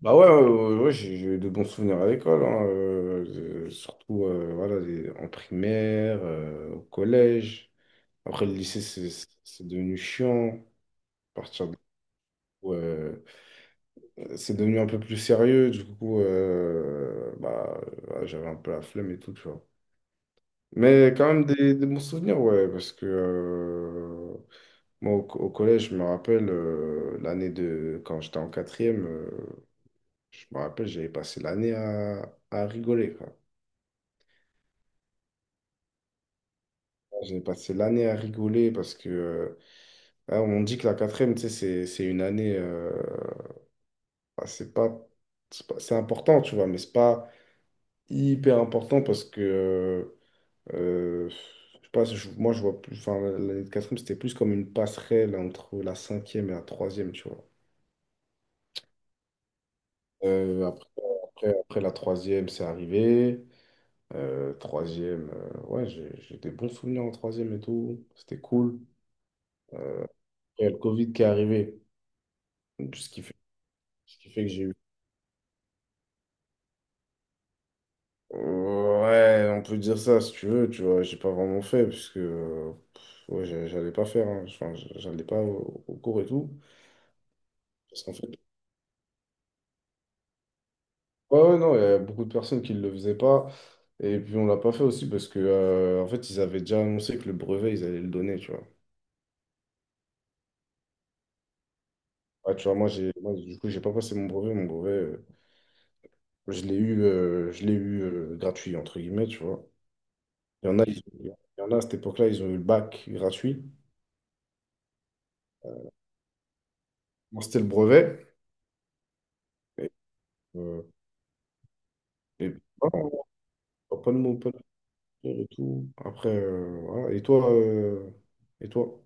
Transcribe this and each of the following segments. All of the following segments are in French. Bah ouais, ouais, ouais, ouais, j'ai eu de bons souvenirs à l'école, hein. Surtout voilà, en primaire, au collège. Après, le lycée, c'est devenu chiant. À partir de- ouais, c'est devenu un peu plus sérieux, du coup, bah, ouais, j'avais un peu la flemme et tout, tu vois. Mais quand même des bons souvenirs, ouais, parce que moi, au collège, je me rappelle l'année de... Quand j'étais en quatrième, je me rappelle, j'avais passé l'année à rigoler, quoi. J'ai passé l'année à rigoler parce que hein, on dit que la quatrième, tu sais, c'est une année, bah, c'est pas, c'est pas- c'est important, tu vois, mais c'est pas hyper important parce que, je sais pas, moi je vois plus, enfin, l'année de quatrième, c'était plus comme une passerelle entre la cinquième et la troisième, tu vois. Euh, après, après après la troisième, c'est arrivé. Troisième, ouais, j'ai des bons souvenirs en troisième et tout, c'était cool. Euh, et le Covid qui est arrivé, ce qui fait Ce qui fait que j'ai eu. Ouais, on peut dire ça si tu veux, tu vois. J'ai pas vraiment fait, parce que pff, ouais, j'allais pas faire, hein. Enfin, j'allais pas au cours et tout. Parce qu'en fait, ouais, ouais, non, il y a beaucoup de personnes qui le faisaient pas. Et puis, on l'a pas fait aussi parce que, en fait, ils avaient déjà annoncé que le brevet, ils allaient le donner, tu vois. Ouais, tu vois, moi, du coup, j'ai pas passé mon brevet. Mon brevet, je l'ai eu, gratuit, entre guillemets, tu vois. Il y en a, à cette époque-là, ils ont eu le bac gratuit. Moi, c'était le brevet. Et voilà, pas de mots, pas de retour et tout. Après, voilà. Et toi, et toi?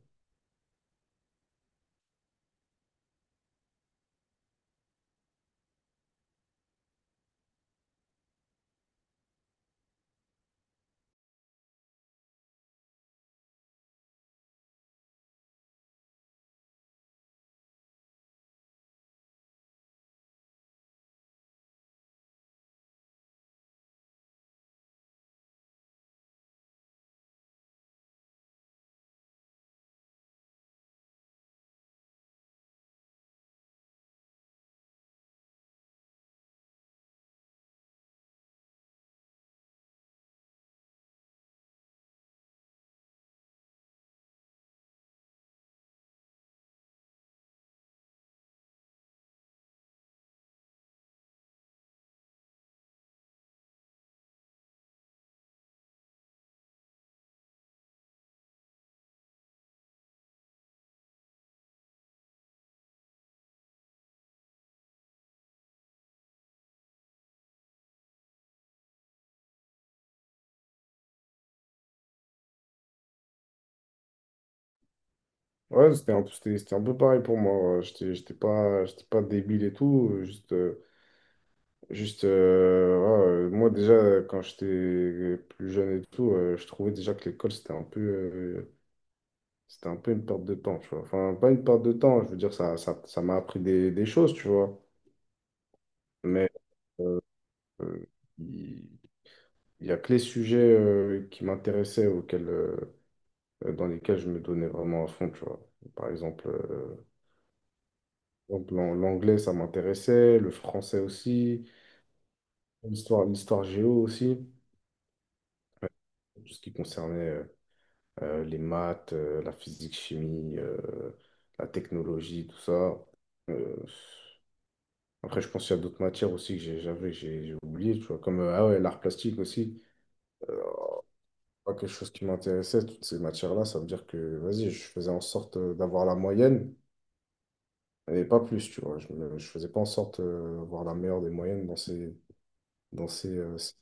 C'était, c'était un peu pareil pour moi. Ouais. J'étais, j'étais pas débile et tout. Juste, voilà, moi, déjà, quand j'étais plus jeune et tout, je trouvais déjà que l'école, c'était un peu une perte de temps, tu vois. Enfin, pas une perte de temps, je veux dire, ça m'a appris des choses, tu vois. Mais euh, il il y a que les sujets qui m'intéressaient, auxquels. Dans lesquels je me donnais vraiment à fond, tu vois. Par exemple, l'anglais, ça m'intéressait, le français aussi, l'histoire, l'histoire géo aussi, tout ce qui concernait les maths, la physique, chimie, la technologie, tout ça. Euh, Après, je pense qu'il y a d'autres matières aussi j'ai oublié, tu vois, comme ah ouais, l'art plastique aussi. Euh, Pas quelque chose qui m'intéressait, toutes ces matières-là, ça veut dire que, vas-y, je faisais en sorte d'avoir la moyenne et pas plus, tu vois. Je faisais pas en sorte d'avoir la meilleure des moyennes dans ces... Dans ces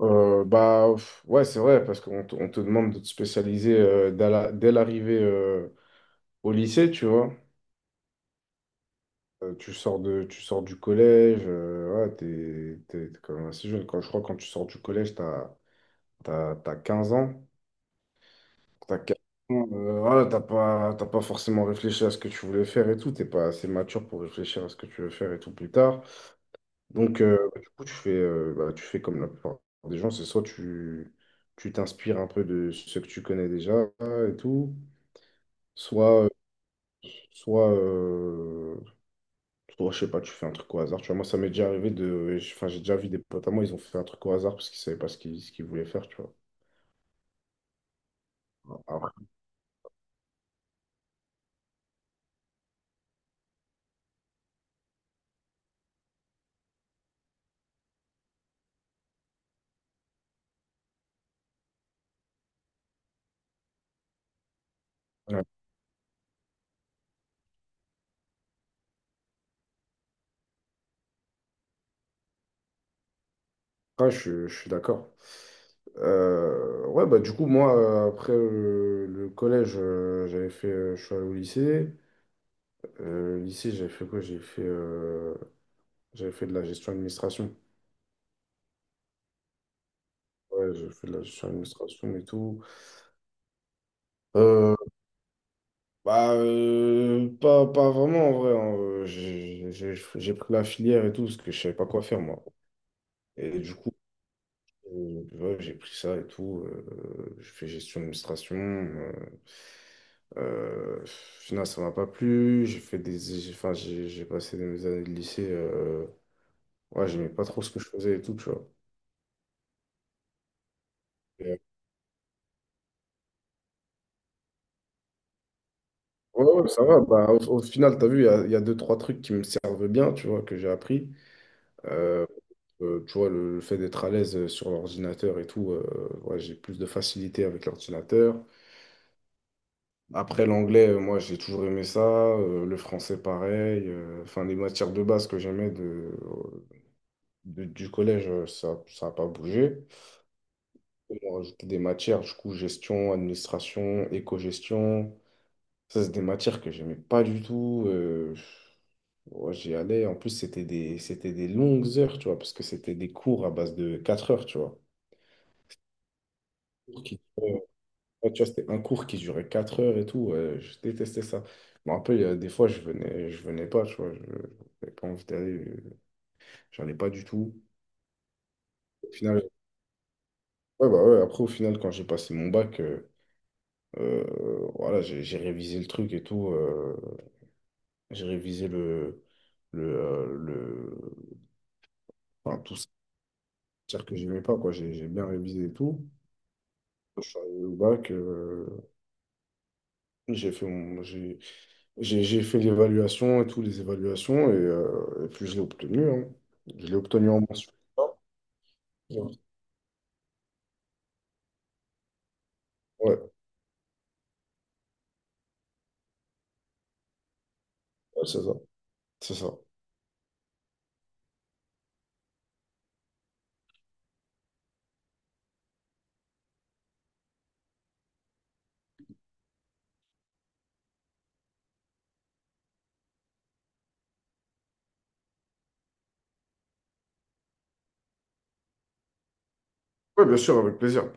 Bah, pff, ouais, c'est vrai, parce qu'on te demande de te spécialiser dès l'arrivée au lycée, tu vois. Tu sors de, tu sors du collège, ouais, t'es quand même assez jeune. Quand, je crois que quand tu sors du collège, t'as 15 ans. T'as 15 ans, voilà, t'as pas forcément réfléchi à ce que tu voulais faire et tout. T'es pas assez mature pour réfléchir à ce que tu veux faire et tout plus tard. Donc, bah, du coup, tu fais, bah, tu fais comme la plupart des gens, c'est soit tu t'inspires un peu de ce que tu connais déjà et tout, soit, euh, soit, euh, soit, je sais pas, tu fais un truc au hasard. Tu vois, moi, ça m'est déjà arrivé de. Enfin, j'ai déjà vu des potes à moi, ils ont fait un truc au hasard parce qu'ils savaient pas ce qu'ils voulaient faire, tu vois. Après, après, je suis d'accord. Ouais, bah, du coup, moi, après le collège, j'avais fait. Je suis allé au lycée. Lycée, j'avais fait quoi? J'avais fait de la gestion administration. Ouais, j'ai fait de la gestion administration et tout. Euh, Bah, pas vraiment en vrai. Hein. J'ai pris la filière et tout parce que je savais pas quoi faire moi. Et du coup, ouais, j'ai pris ça et tout. Je fais gestion administration. Finalement, ça m'a pas plu. J'ai fait des, j'ai- Enfin, j'ai passé mes années de lycée. Ouais, j'aimais pas trop ce que je faisais et tout, tu vois. Ouais, ouais, ça va. Bah, au final, tu as vu, il y a deux, trois trucs qui me servent bien, tu vois, que j'ai appris. Euh, Tu vois, le fait d'être à l'aise sur l'ordinateur et tout, ouais, j'ai plus de facilité avec l'ordinateur. Après, l'anglais, moi, j'ai toujours aimé ça. Le français, pareil. Enfin, les matières de base que j'aimais du collège, ça n'a pas bougé. On rajouté des matières, du coup, gestion, administration, éco-gestion. Ça, c'est des matières que j'aimais pas du tout. Ouais, j'y allais. En plus, c'était c'était des longues heures, tu vois, parce que c'était des cours à base de 4 heures, tu vois. Pour qui- Euh, ouais, tu vois, c'était un cours qui durait 4 heures et tout. Ouais, je détestais ça. Je me rappelle, des fois, je venais pas, tu vois. Je J'avais pas envie d'aller. J'en ai pas du tout. Au final, ouais, bah ouais, après, au final, quand j'ai passé mon bac, voilà, j'ai révisé le truc et tout. J'ai révisé le, enfin, tout ça. C'est-à-dire que j'aimais pas, quoi. J'ai bien révisé et tout. Je suis arrivé au bac, j'ai fait mon- j'ai fait l'évaluation et tout, les évaluations, et puis je l'ai obtenu. Hein. Je l'ai obtenu en mensuel. Ouais, ouais, c'est ça. C'est ça. Oui, bien sûr, avec plaisir.